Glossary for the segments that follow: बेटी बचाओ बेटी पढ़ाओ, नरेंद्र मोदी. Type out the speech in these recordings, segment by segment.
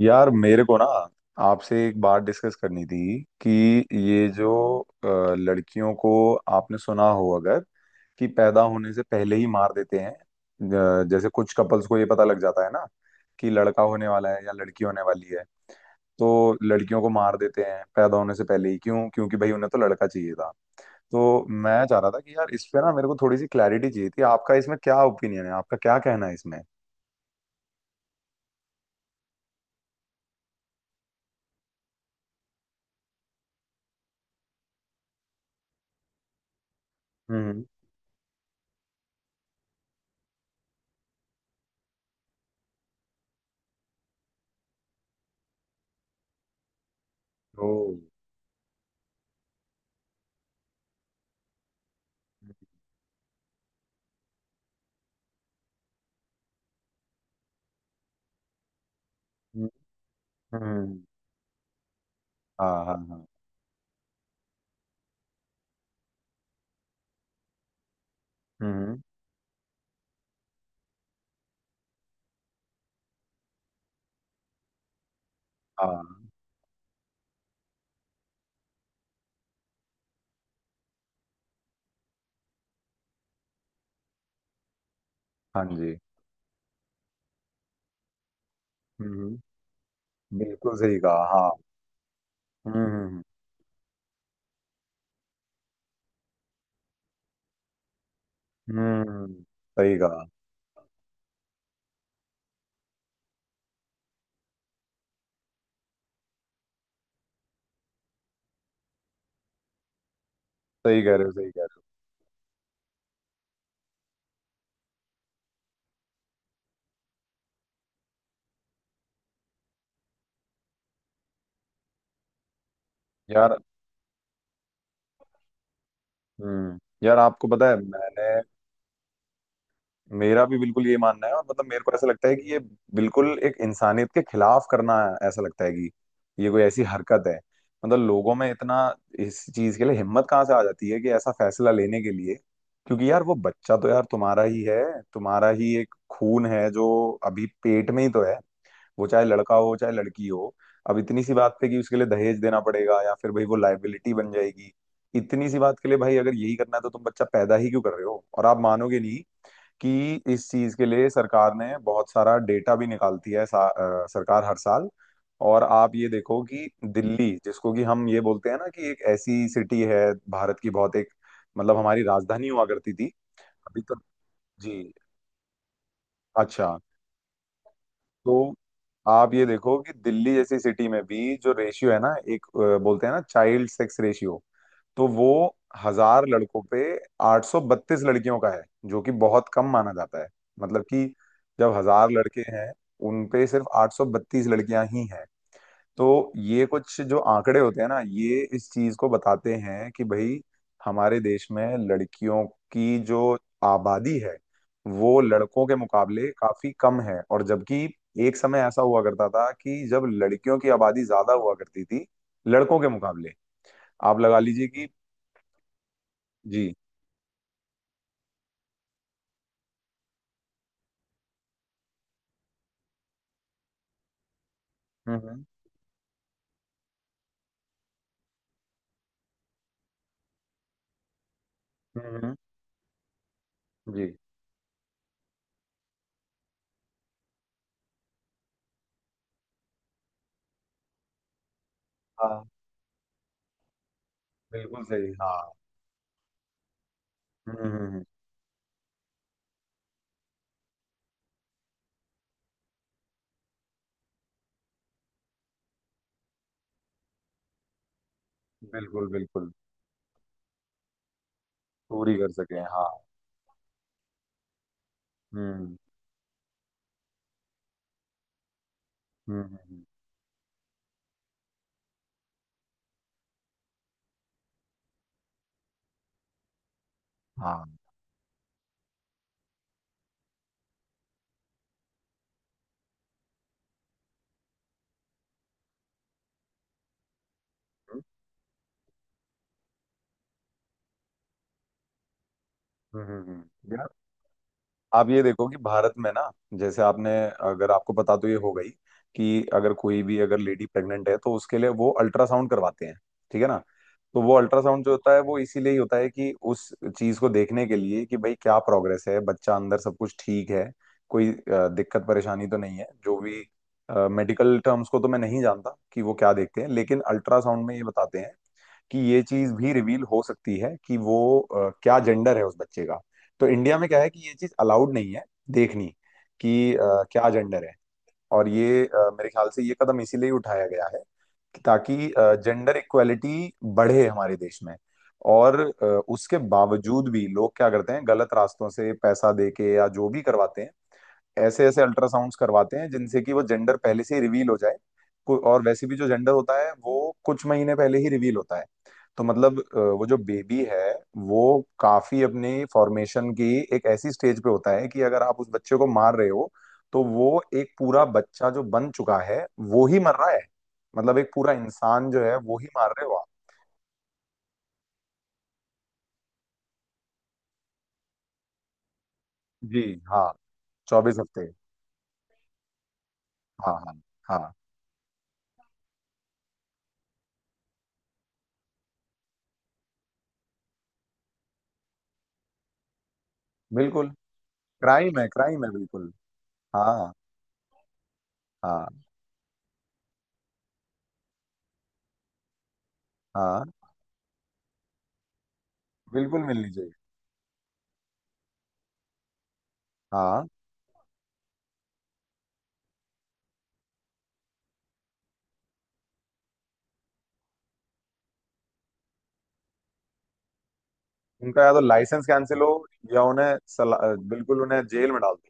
यार मेरे को ना आपसे एक बात डिस्कस करनी थी कि ये जो अ, लड़कियों को आपने सुना हो अगर कि पैदा होने से पहले ही मार देते हैं जैसे कुछ कपल्स को ये पता लग जाता है ना कि लड़का होने वाला है या लड़की होने वाली है। तो लड़कियों को मार देते हैं पैदा होने से पहले ही, क्यों? क्योंकि भाई उन्हें तो लड़का चाहिए था। तो मैं चाह रहा था कि यार इस पे ना मेरे को थोड़ी सी क्लैरिटी चाहिए थी। आपका इसमें क्या ओपिनियन है, आपका क्या कहना है इसमें? हम्म। ओ। हम्म। हम्म। हाँ हाँ हाँ। हम्म। हाँ हाँ जी। हम्म। बिल्कुल सही कहा, हाँ। हम्म। हम्म। सही कहा, सही कह रहे हो, सही कह रहे हो यार। हम्म। यार आपको पता है, मैंने मेरा भी बिल्कुल ये मानना है। और मतलब मेरे को ऐसा लगता है कि ये बिल्कुल एक इंसानियत के खिलाफ करना। ऐसा लगता है कि ये कोई ऐसी हरकत है, मतलब लोगों में इतना इस चीज के लिए हिम्मत कहाँ से आ जाती है कि ऐसा फैसला लेने के लिए? क्योंकि यार वो बच्चा तो यार तुम्हारा ही है, तुम्हारा ही एक खून है जो अभी पेट में ही तो है। वो चाहे लड़का हो चाहे लड़की हो, अब इतनी सी बात पे कि उसके लिए दहेज देना पड़ेगा या फिर भाई वो लायबिलिटी बन जाएगी, इतनी सी बात के लिए भाई अगर यही करना है तो तुम बच्चा पैदा ही क्यों कर रहे हो? और आप मानोगे नहीं कि इस चीज के लिए सरकार ने बहुत सारा डेटा भी निकालती है सरकार हर साल। और आप ये देखो कि दिल्ली, जिसको कि हम ये बोलते हैं ना कि एक ऐसी सिटी है, भारत की बहुत एक मतलब हमारी राजधानी हुआ करती थी अभी तो। जी। अच्छा। तो आप ये देखो कि दिल्ली जैसी सिटी में भी जो रेशियो है ना एक बोलते हैं ना चाइल्ड सेक्स रेशियो, तो वो 1,000 लड़कों पे 832 लड़कियों का है, जो कि बहुत कम माना जाता है। मतलब कि जब 1,000 लड़के हैं, उन पे सिर्फ 832 लड़कियां ही हैं। तो ये कुछ जो आंकड़े होते हैं ना, ये इस चीज को बताते हैं कि भाई हमारे देश में लड़कियों की जो आबादी है वो लड़कों के मुकाबले काफी कम है। और जबकि एक समय ऐसा हुआ करता था कि जब लड़कियों की आबादी ज्यादा हुआ करती थी लड़कों के मुकाबले। आप लगा लीजिए कि जी। हम्म हम्म हम्म, हम्म, जी। हाँ बिल्कुल सही, हाँ। हम्म हम्म, हम्म, बिल्कुल बिल्कुल। पूरी कर सके, हाँ। हम्म हम्म हम्म, हम्म, हाँ। हम्म, हम्म, हम्म। आप ये देखो कि भारत में ना, जैसे आपने, अगर आपको पता, तो ये हो गई कि अगर कोई भी अगर लेडी प्रेग्नेंट है तो उसके लिए वो अल्ट्रासाउंड करवाते हैं, ठीक है ना। तो वो अल्ट्रासाउंड जो होता है वो इसीलिए ही होता है कि उस चीज को देखने के लिए कि भाई क्या प्रोग्रेस है, बच्चा अंदर सब कुछ ठीक है, कोई दिक्कत परेशानी तो नहीं है। जो भी मेडिकल टर्म्स को तो मैं नहीं जानता कि वो क्या देखते हैं, लेकिन अल्ट्रासाउंड में ये बताते हैं कि ये चीज भी रिवील हो सकती है कि वो क्या जेंडर है उस बच्चे का। तो इंडिया में क्या है कि ये चीज अलाउड नहीं है देखनी कि क्या जेंडर है। और ये मेरे ख्याल से ये कदम इसीलिए उठाया गया है कि ताकि जेंडर इक्वेलिटी बढ़े हमारे देश में। और उसके बावजूद भी लोग क्या करते हैं, गलत रास्तों से पैसा दे के या जो भी करवाते हैं, ऐसे ऐसे अल्ट्रासाउंड्स करवाते हैं जिनसे कि वो जेंडर पहले से ही रिवील हो जाए। और वैसे भी जो जेंडर होता है वो कुछ महीने पहले ही रिवील होता है। तो मतलब वो जो बेबी है, वो काफी अपनी फॉर्मेशन की एक ऐसी स्टेज पे होता है कि अगर आप उस बच्चे को मार रहे हो तो वो एक पूरा बच्चा जो बन चुका है वो ही मर रहा है। मतलब एक पूरा इंसान जो है वो ही मार रहे हो आप। जी। हाँ। 24 हफ्ते, हाँ हाँ। हाँ बिल्कुल। क्राइम है, क्राइम है, बिल्कुल, हाँ। हाँ। हाँ। बिल्कुल मिलनी चाहिए। हाँ। उनका या तो लाइसेंस कैंसिल हो या उन्हें बिल्कुल उन्हें जेल में डाल दो।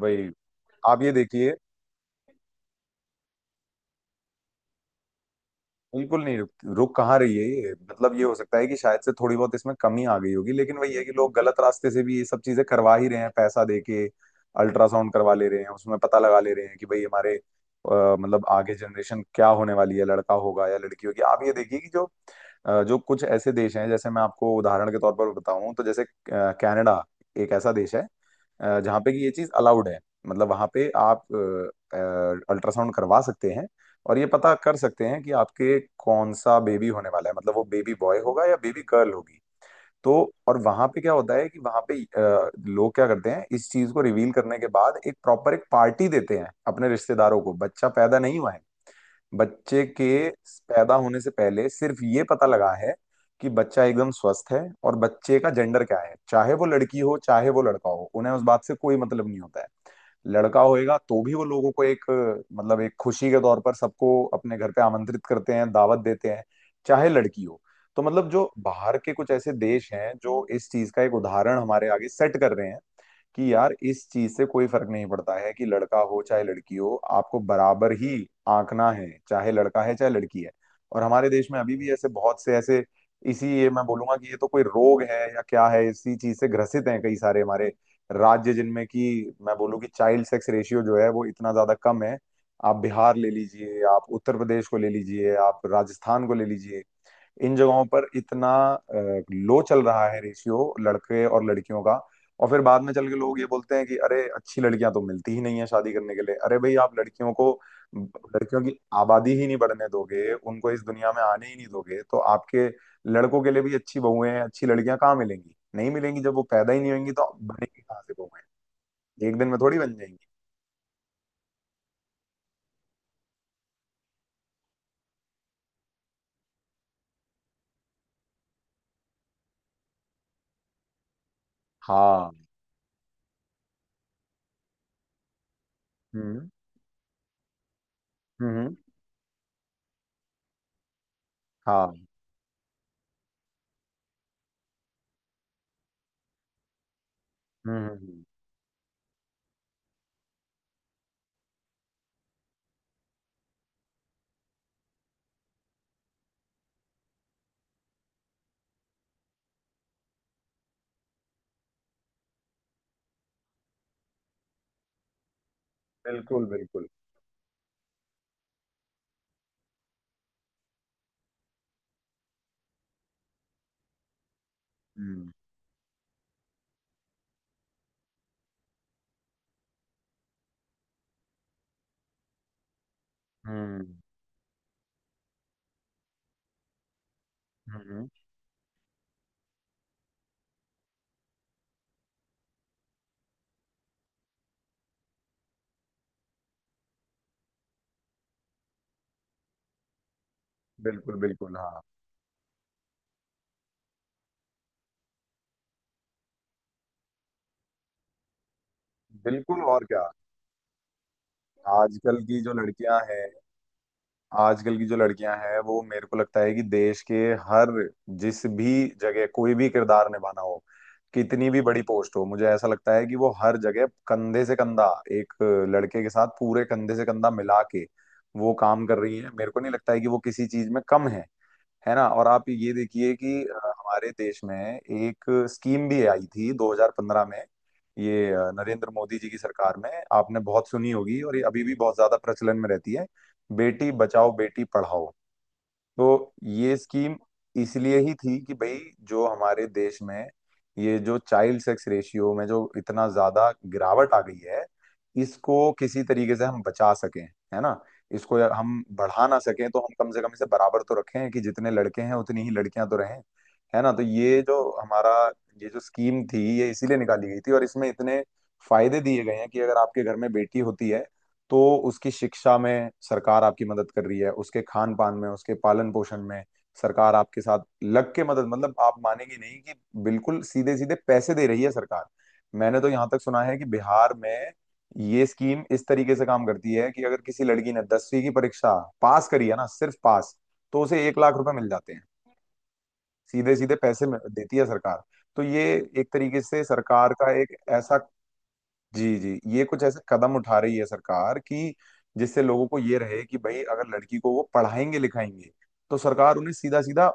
भाई आप ये देखिए, बिल्कुल नहीं रुक, रुक कहाँ रही है ये? मतलब ये हो सकता है कि शायद से थोड़ी बहुत इसमें कमी आ गई होगी, लेकिन वही है कि लोग गलत रास्ते से भी ये सब चीजें करवा ही रहे हैं पैसा दे के। अल्ट्रासाउंड करवा ले रहे हैं, उसमें पता लगा ले रहे हैं कि भाई हमारे मतलब आगे जनरेशन क्या होने वाली है, लड़का होगा या लड़की होगी। आप ये देखिए कि जो जो कुछ ऐसे देश हैं, जैसे मैं आपको उदाहरण के तौर पर बताऊं तो जैसे कनाडा एक ऐसा देश है जहाँ पे कि ये चीज अलाउड है। मतलब वहां पे आप अल्ट्रासाउंड करवा सकते हैं और ये पता कर सकते हैं कि आपके कौन सा बेबी होने वाला है, मतलब वो बेबी बॉय होगा या बेबी गर्ल होगी। तो और वहां पे क्या होता है कि वहां पे लोग क्या करते हैं, इस चीज को रिवील करने के बाद एक प्रॉपर एक पार्टी देते हैं अपने रिश्तेदारों को। बच्चा पैदा नहीं हुआ है, बच्चे के पैदा होने से पहले सिर्फ ये पता लगा है कि बच्चा एकदम स्वस्थ है और बच्चे का जेंडर क्या है। चाहे वो लड़की हो चाहे वो लड़का हो, उन्हें उस बात से कोई मतलब नहीं होता है। लड़का होएगा तो भी वो लोगों को एक मतलब एक खुशी के तौर पर सबको अपने घर पे आमंत्रित करते हैं, दावत देते हैं, चाहे लड़की हो। तो मतलब जो बाहर के कुछ ऐसे देश हैं जो इस चीज का एक उदाहरण हमारे आगे सेट कर रहे हैं कि यार इस चीज से कोई फर्क नहीं पड़ता है कि लड़का हो चाहे लड़की हो, आपको बराबर ही आंकना है, चाहे लड़का है चाहे लड़की है। और हमारे देश में अभी भी ऐसे बहुत से ऐसे इसी, ये मैं बोलूंगा कि ये तो कोई रोग है या क्या है, इसी चीज से ग्रसित हैं कई सारे हमारे राज्य, जिनमें कि मैं बोलूँ कि चाइल्ड सेक्स रेशियो जो है वो इतना ज्यादा कम है। आप बिहार ले लीजिए, आप उत्तर प्रदेश को ले लीजिए, आप राजस्थान को ले लीजिए, इन जगहों पर इतना लो चल रहा है रेशियो लड़के और लड़कियों का। और फिर बाद में चल के लोग ये बोलते हैं कि अरे अच्छी लड़कियां तो मिलती ही नहीं है शादी करने के लिए। अरे भाई आप लड़कियों को, लड़कियों की आबादी ही नहीं बढ़ने दोगे, उनको इस दुनिया में आने ही नहीं दोगे, तो आपके लड़कों के लिए भी अच्छी बहुएं हैं, अच्छी लड़कियां कहाँ मिलेंगी? नहीं मिलेंगी जब वो पैदा ही नहीं होंगी। तो बनेंगी कहाँ से बहुएं, एक दिन में थोड़ी बन जाएंगी। हाँ। हम्म हम्म। हाँ। हम्म हम्म, हम्म। बिल्कुल बिल्कुल। हम्म हम्म हम्म। बिल्कुल बिल्कुल हाँ। बिल्कुल, और क्या। आजकल की जो लड़कियां हैं, आजकल की जो लड़कियां हैं वो मेरे को लगता है कि देश के हर, जिस भी जगह कोई भी किरदार निभाना हो, कितनी भी बड़ी पोस्ट हो, मुझे ऐसा लगता है कि वो हर जगह कंधे से कंधा, एक लड़के के साथ पूरे कंधे से कंधा मिला के वो काम कर रही है। मेरे को नहीं लगता है कि वो किसी चीज में कम है ना। और आप ये देखिए कि हमारे देश में एक स्कीम भी आई थी 2015 में। ये नरेंद्र मोदी जी की सरकार में, आपने बहुत सुनी होगी और ये अभी भी बहुत ज्यादा प्रचलन में रहती है, बेटी बचाओ बेटी पढ़ाओ। तो ये स्कीम इसलिए ही थी कि भाई जो हमारे देश में ये जो चाइल्ड सेक्स रेशियो में जो इतना ज्यादा गिरावट आ गई है, इसको किसी तरीके से हम बचा सकें, है ना। इसको हम बढ़ा ना सकें तो हम कम से कम इसे बराबर तो रखें कि जितने लड़के हैं उतनी ही लड़कियां तो रहें, है ना। तो ये जो हमारा, ये जो स्कीम थी, ये इसीलिए निकाली गई थी और इसमें इतने फायदे दिए गए हैं कि अगर आपके घर में बेटी होती है तो उसकी शिक्षा में सरकार आपकी मदद कर रही है, उसके खान पान में, उसके पालन पोषण में सरकार आपके साथ लग के मदद, मतलब आप मानेंगे नहीं कि बिल्कुल सीधे सीधे पैसे दे रही है सरकार। मैंने तो यहाँ तक सुना है कि बिहार में ये स्कीम इस तरीके से काम करती है कि अगर किसी लड़की ने 10वीं की परीक्षा पास करी है, ना सिर्फ पास, तो उसे 1,00,000 रुपए मिल जाते हैं। सीधे सीधे पैसे देती है सरकार। तो ये एक तरीके से सरकार का एक ऐसा, जी जी, ये कुछ ऐसे कदम उठा रही है सरकार कि जिससे लोगों को ये रहे कि भाई अगर लड़की को वो पढ़ाएंगे लिखाएंगे तो सरकार उन्हें सीधा सीधा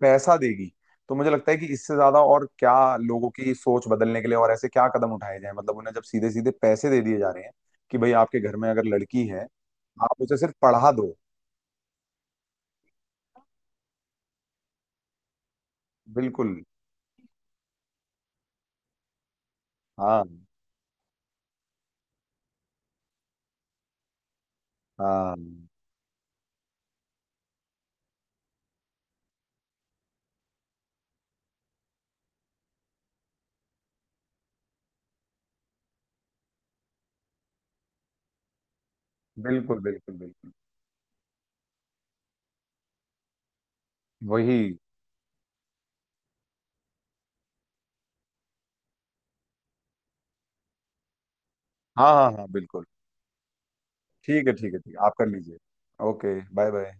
पैसा देगी। तो मुझे लगता है कि इससे ज्यादा और क्या लोगों की सोच बदलने के लिए और ऐसे क्या कदम उठाए जाएं, मतलब उन्हें जब सीधे सीधे पैसे दे दिए जा रहे हैं कि भाई आपके घर में अगर लड़की है, आप उसे सिर्फ पढ़ा दो। बिल्कुल। हाँ हाँ। बिल्कुल बिल्कुल बिल्कुल। वही। हाँ हाँ हाँ बिल्कुल। ठीक है, ठीक है, ठीक है, आप कर लीजिए। Okay, bye bye.